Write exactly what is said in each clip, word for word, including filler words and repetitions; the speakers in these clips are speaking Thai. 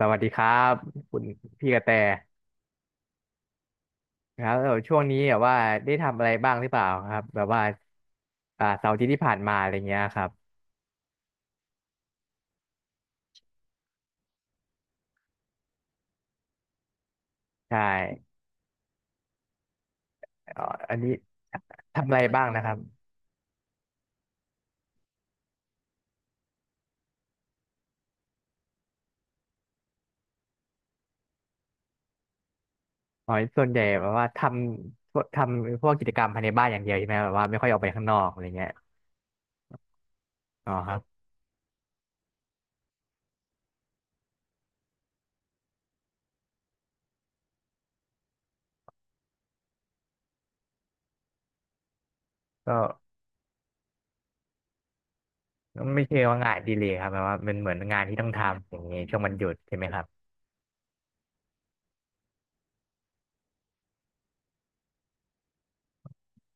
สวัสดีครับคุณพี่กระแตครับแล้วช่วงนี้แบบว่าได้ทำอะไรบ้างหรือเปล่าครับแบบว่าอ่าเสาร์อาทิตย์ที่ผ่านมาอะไรเงี้ยครับใช่เอ่ออันนี้ทำอะไรบ้างนะครับอ๋อส่วนใหญ่แบบว่าทำทำพวกกิจกรรมภายในบ้านอย่างเดียวใช่ไหมแบบว่าไม่ค่อยออกไปข้างนอกอะไรเงี้ยอ๋อครับก็ไม่ใช่งว่างานอดีเลยครับแบบว่าเป็นเหมือนงานที่ต้องทำอย่างเงี้ยช่วงวันหยุดใช่ไหมครับ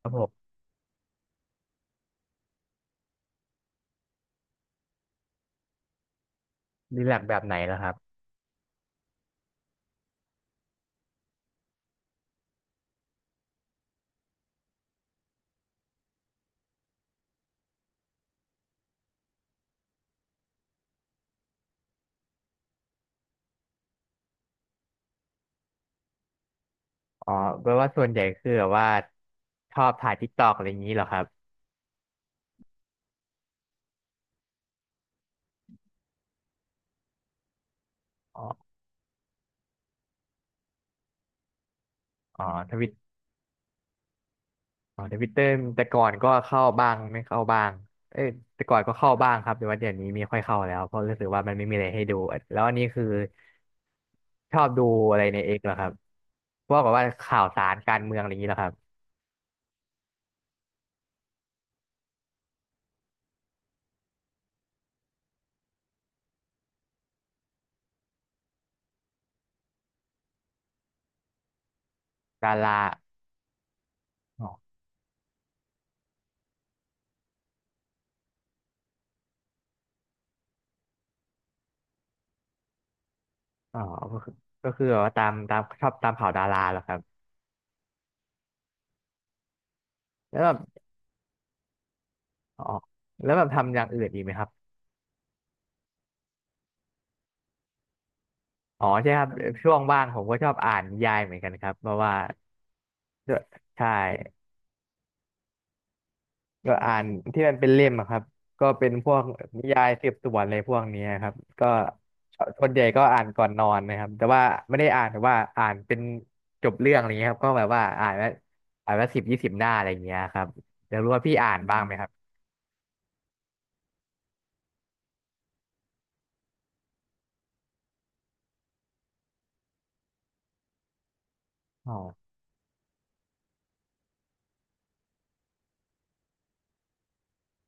ครับผมรีแลกซ์แบบไหนแล้วครับอ๋อแปลว่าส่วนใหญ่คือแบบว่าชอบถ่ายทิกตอกอะไรอย่างนี้เหรอครับ อ๋ออ๋อทวิตอ๋อทวิตเตอร์แต่ก่อนก็เข้าบ้างไม่เข้าบ้างเอ้ยแต่ก่อนก็เข้าบ้างครับแต่ว่าเดี๋ยวนี้ไม่ค่อยเข้าแล้วเพราะรู้สึกว่ามันไม่มีอะไรให้ดู แล้วอันนี้คือชอบดูอะไรในเอกเหรอครับพวกแบบว่าข่าวสารการเมืองอะไรอย่างนี้เหรอครับดาราอ๋ออ๋อก็คือก็คือแบบว่าตามตามชอบตามข่าวดาราเหรอครับแล้วแบบอ๋อแล้วแบบทำอย่างอื่นอีกไหมครับอ๋อใช่ครับช่วงว่างผมก็ชอบอ่านนิยายเหมือนกันครับเพราะว่าด้วยใช่ ก็อ่านที่มันเป็นเล่มอะครับก็เป็นพวกนิยายสืบสวนอะไรพวกเนี้ยครับก็ส่วนใหญ่ก็อ่านก่อนนอนนะครับแต่ว่าไม่ได้อ่านแต่ว่าอ่านเป็นจบเรื่องอะไรเงี้ยครับก็แบบว่าอ่านแล้วอ่านแล้วสิบยี่สิบหน้าอะไรเงี้ยครับอยากรู้ว่าพี่อ่านบ้างไหมครับอ๋อ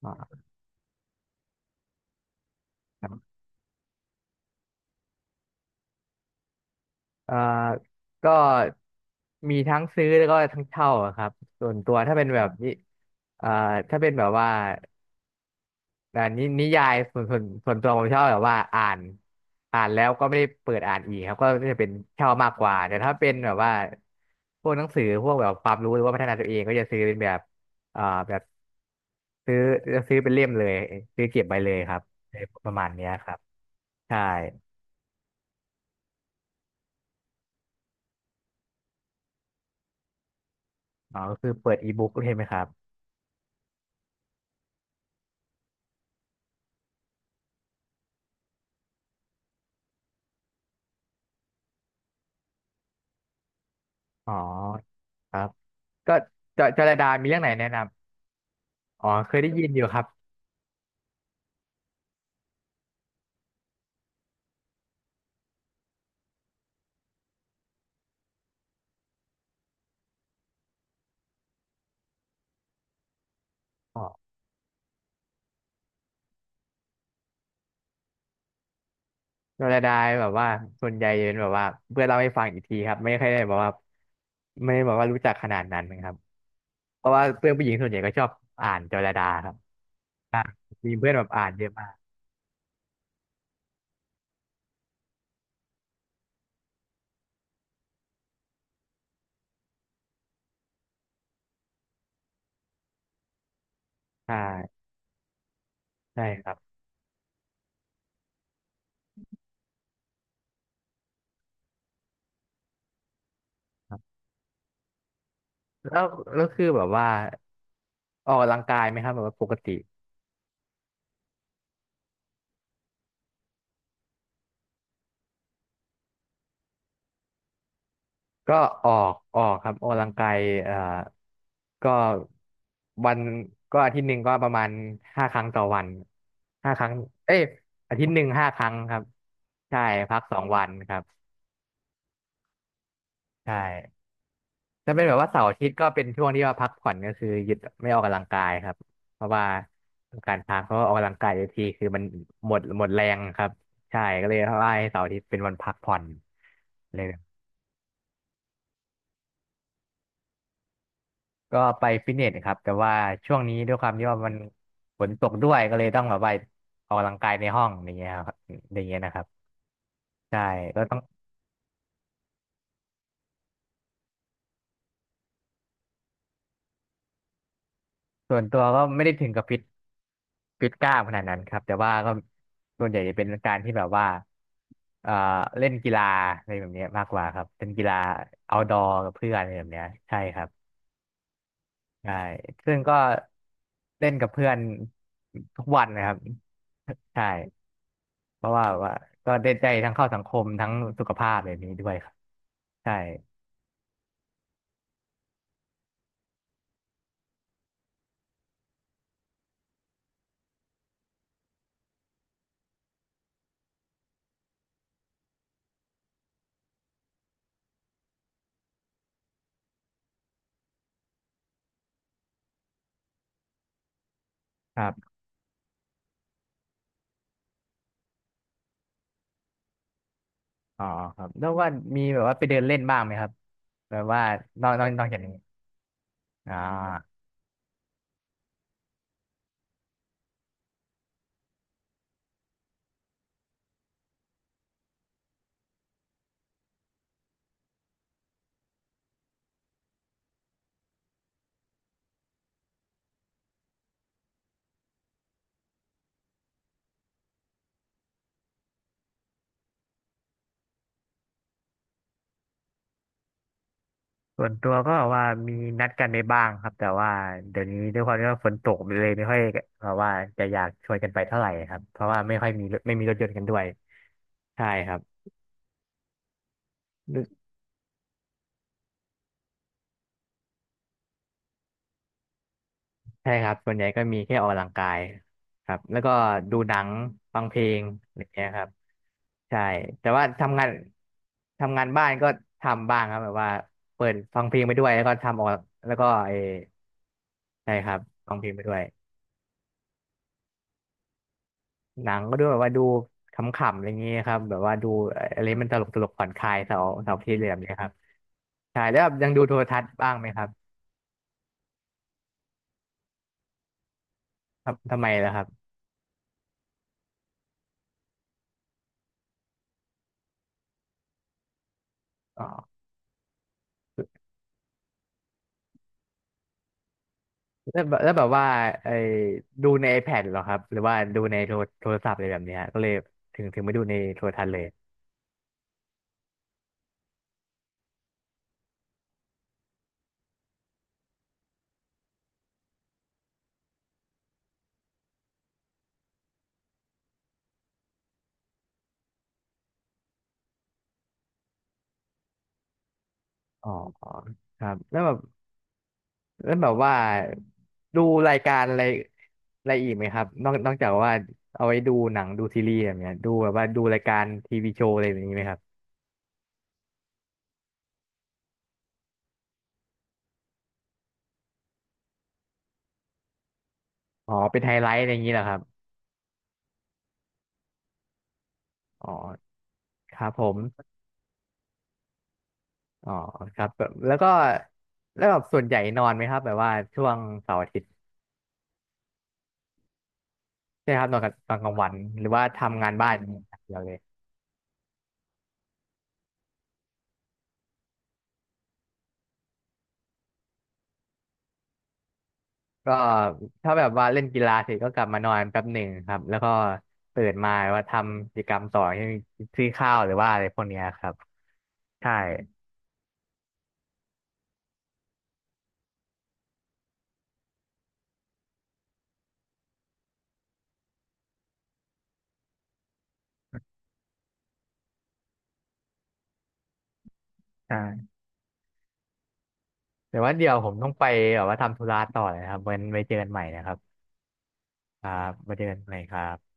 อ๋อครับเอ่อก็มีทั้งซื้อแล้วก็ทั้งเช่าอะครับส่วนตัวถ้าเป็นแบบนี้เอ่อถ้าเป็นแบบว่า แต่นินิยายส่วนส่วนส่วนตัวผมชอบแบบว่าอ่านอ่านแล้วก็ไม่ได้เปิดอ่านอีกครับก็จะเป็นเช่ามากกว่าแต่ถ้าเป็นแบบว่าพวกหนังสือพวกแบบความรู้หรือว่าพัฒนาตัวเองก็จะซื้อเป็นแบบอ่าแบบซื้อจะซื้อเป็นเล่มเลย ซื้อเก็บไว้เลยครับประมาณเนี้ยครับใช่อ๋อก็คือเปิดอีบุ๊กใช่ไหมครับ อ๋อครับก็จจรดามีเรื่องไหนแนะนำ อ๋อเคยได้ยินอยู่ครับ โนราไดายแบบว่าส่วนใหญ่จะเป็นแบบว่าเพื่อนเล่าให้ฟังอีกทีครับไม่ค่อยได้แบบว่าไม่ได้บอกว่ารู้จักขนาดนั้นครับเพราะว่าเพื่อนผู้หญิงส่วนใหญ่ก็ชอบอ่านโนราไดาครับอ่ามีเพื่อนแบบอ่านเยอะมากใช่ใช่ครับแล้วแล้วคือแบบว่าออกกำลังกายไหมครับแบบว่าปกติก็ออกออกครับออกกำลังกายเอ่อก็วันก็อาทิตย์หนึ่งก็ประมาณห้าครั้งต่อวันห้าครั้งเอ้ยอาทิตย์หนึ่งห้าครั้งครับใช่พักสองวันครับ ใช่จะเป็นแบบว่าเสาร์อาทิตย์ก็เป็นช่วงที่ว่าพักผ่อนก็คือหยุดไม่ออกกำลังกายครับเพราะว่าต้องการพักเพราะว่าออกกำลังกายเยอะทีคือมันหมดหมดแรงครับใช่ก็เลยว่าให้เสาร์อาทิตย์เป็นวันพักผ่อนเลยแบบก็ไปฟิตเนสครับแต่ว่าช่วงนี้ด้วยความที่ว่ามันฝนตกด้วยก็เลยต้องแบบไปออกกำลังกายในห้องอย่างเงี้ยครับอย่างเงี้ยนะครับใช่ก็ต้อง ส่วนตัวก็ไม่ได้ถึงกับฟิตฟิตกล้ามขนาดนั้นครับแต่ว่าก็ส่วนใหญ่จะเป็นการที่แบบว่าเอ่อเล่นกีฬาอะไรแบบเนี้ยมากกว่าครับเป็นกีฬาเอาดอร์กับเพื่อนอะไรแบบเนี้ยใช่ครับใช่ซึ่งก็เล่นกับเพื่อนทุกวันนะครับใช่เพราะว่าว่าก็ได้ใจทั้งเข้าสังคมทั้งสุขภาพแบบนี้ด้วยครับใช่ครับอ๋อครับแล้วว่ามีแบบว่าไปเดินเล่นบ้างไหมครับแบบว่านอกนอกนอกจากนี้อ๋อ ส่วนตัวก็ว่ามีนัดกันไปบ้างครับแต่ว่าเดี๋ยวนี้ด้วยความที่ว่าฝนตกเลยไม่ค่อยแบบว่าจะอยากชวนกันไปเท่าไหร่ครับเพราะว่าไม่ค่อยมีรถไม่มีรถยนต์กันด้วยใช่ครับใช่ครับส่วนใหญ่ก็มีแค่ออกกำลังกายครับแล้วก็ดูหนังฟังเพลงอะไรอย่างเงี้ยครับใช่แต่ว่าทำงานทำงานบ้านก็ทำบ้างครับแบบว่าเปิดฟังเพลงไปด้วยแล้วก็ทำออกแล้วก็เออใช่ครับฟังเพลงไปด้วย หนังก็ดูแบบว่าดูขำๆอะไรเงี้ยครับแบบว่าดูอะไรมันตลกตลกผ่อนคลายเสาร์เสาร์อาที่เหลี่ยมเนี่ยครับใช่แล้วแบบยังดูโทรทัศน์บ้างไหมครับทำทำไมล่ะครับอ๋อแล้วแบบแล้วแบบว่าไอ้ดูใน ไอแพด เหรอครับหรือว่าดูในโทรโทรศัพท์อะไรแบบเนี้ยก็เลยถึงถึงไม่ดูในโทรทัศน์เลยอ๋อครับแล้วแบบแล้วแบบว่าดูรายการอะไรอะไรอีกไหมครับนอกนอกจากว่าเอาไว้ดูหนังดูซีรีส์แบบเนี้ยดูแบบว่าดูรายการทีวีโชว์อะไรแบบนี้ไหมครับ อ๋อเป็นไฮไลท์อะไรอย่างนี้เหรอครับอ๋อครับผมอ๋อครับแบบแล้วก็แล้วแบบส่วนใหญ่นอนไหมครับแบบว่าช่วงเสาร์อาทิตย์ใช่ครับนอนกับตอนกลางวันหรือว่าทำงานบ้านอย่างเดียวเลยก็ถ้าแบบว่าเล่นกีฬาเสร็จก็กลับมานอนแป๊บหนึ่งครับแล้วก็ตื่นมาว่าทำกิจกรรมต่อที่นซื้อข้าวหรือว่าอะไรพวกเนี้ยครับใช่ใช่แต่ว่าเดี๋ยวผมต้องไปแบบว่าทำธุระต่อเลยครับไว้นไว้เจอกันใหม่นะครับครับไว้เจอกันใหม่ครับ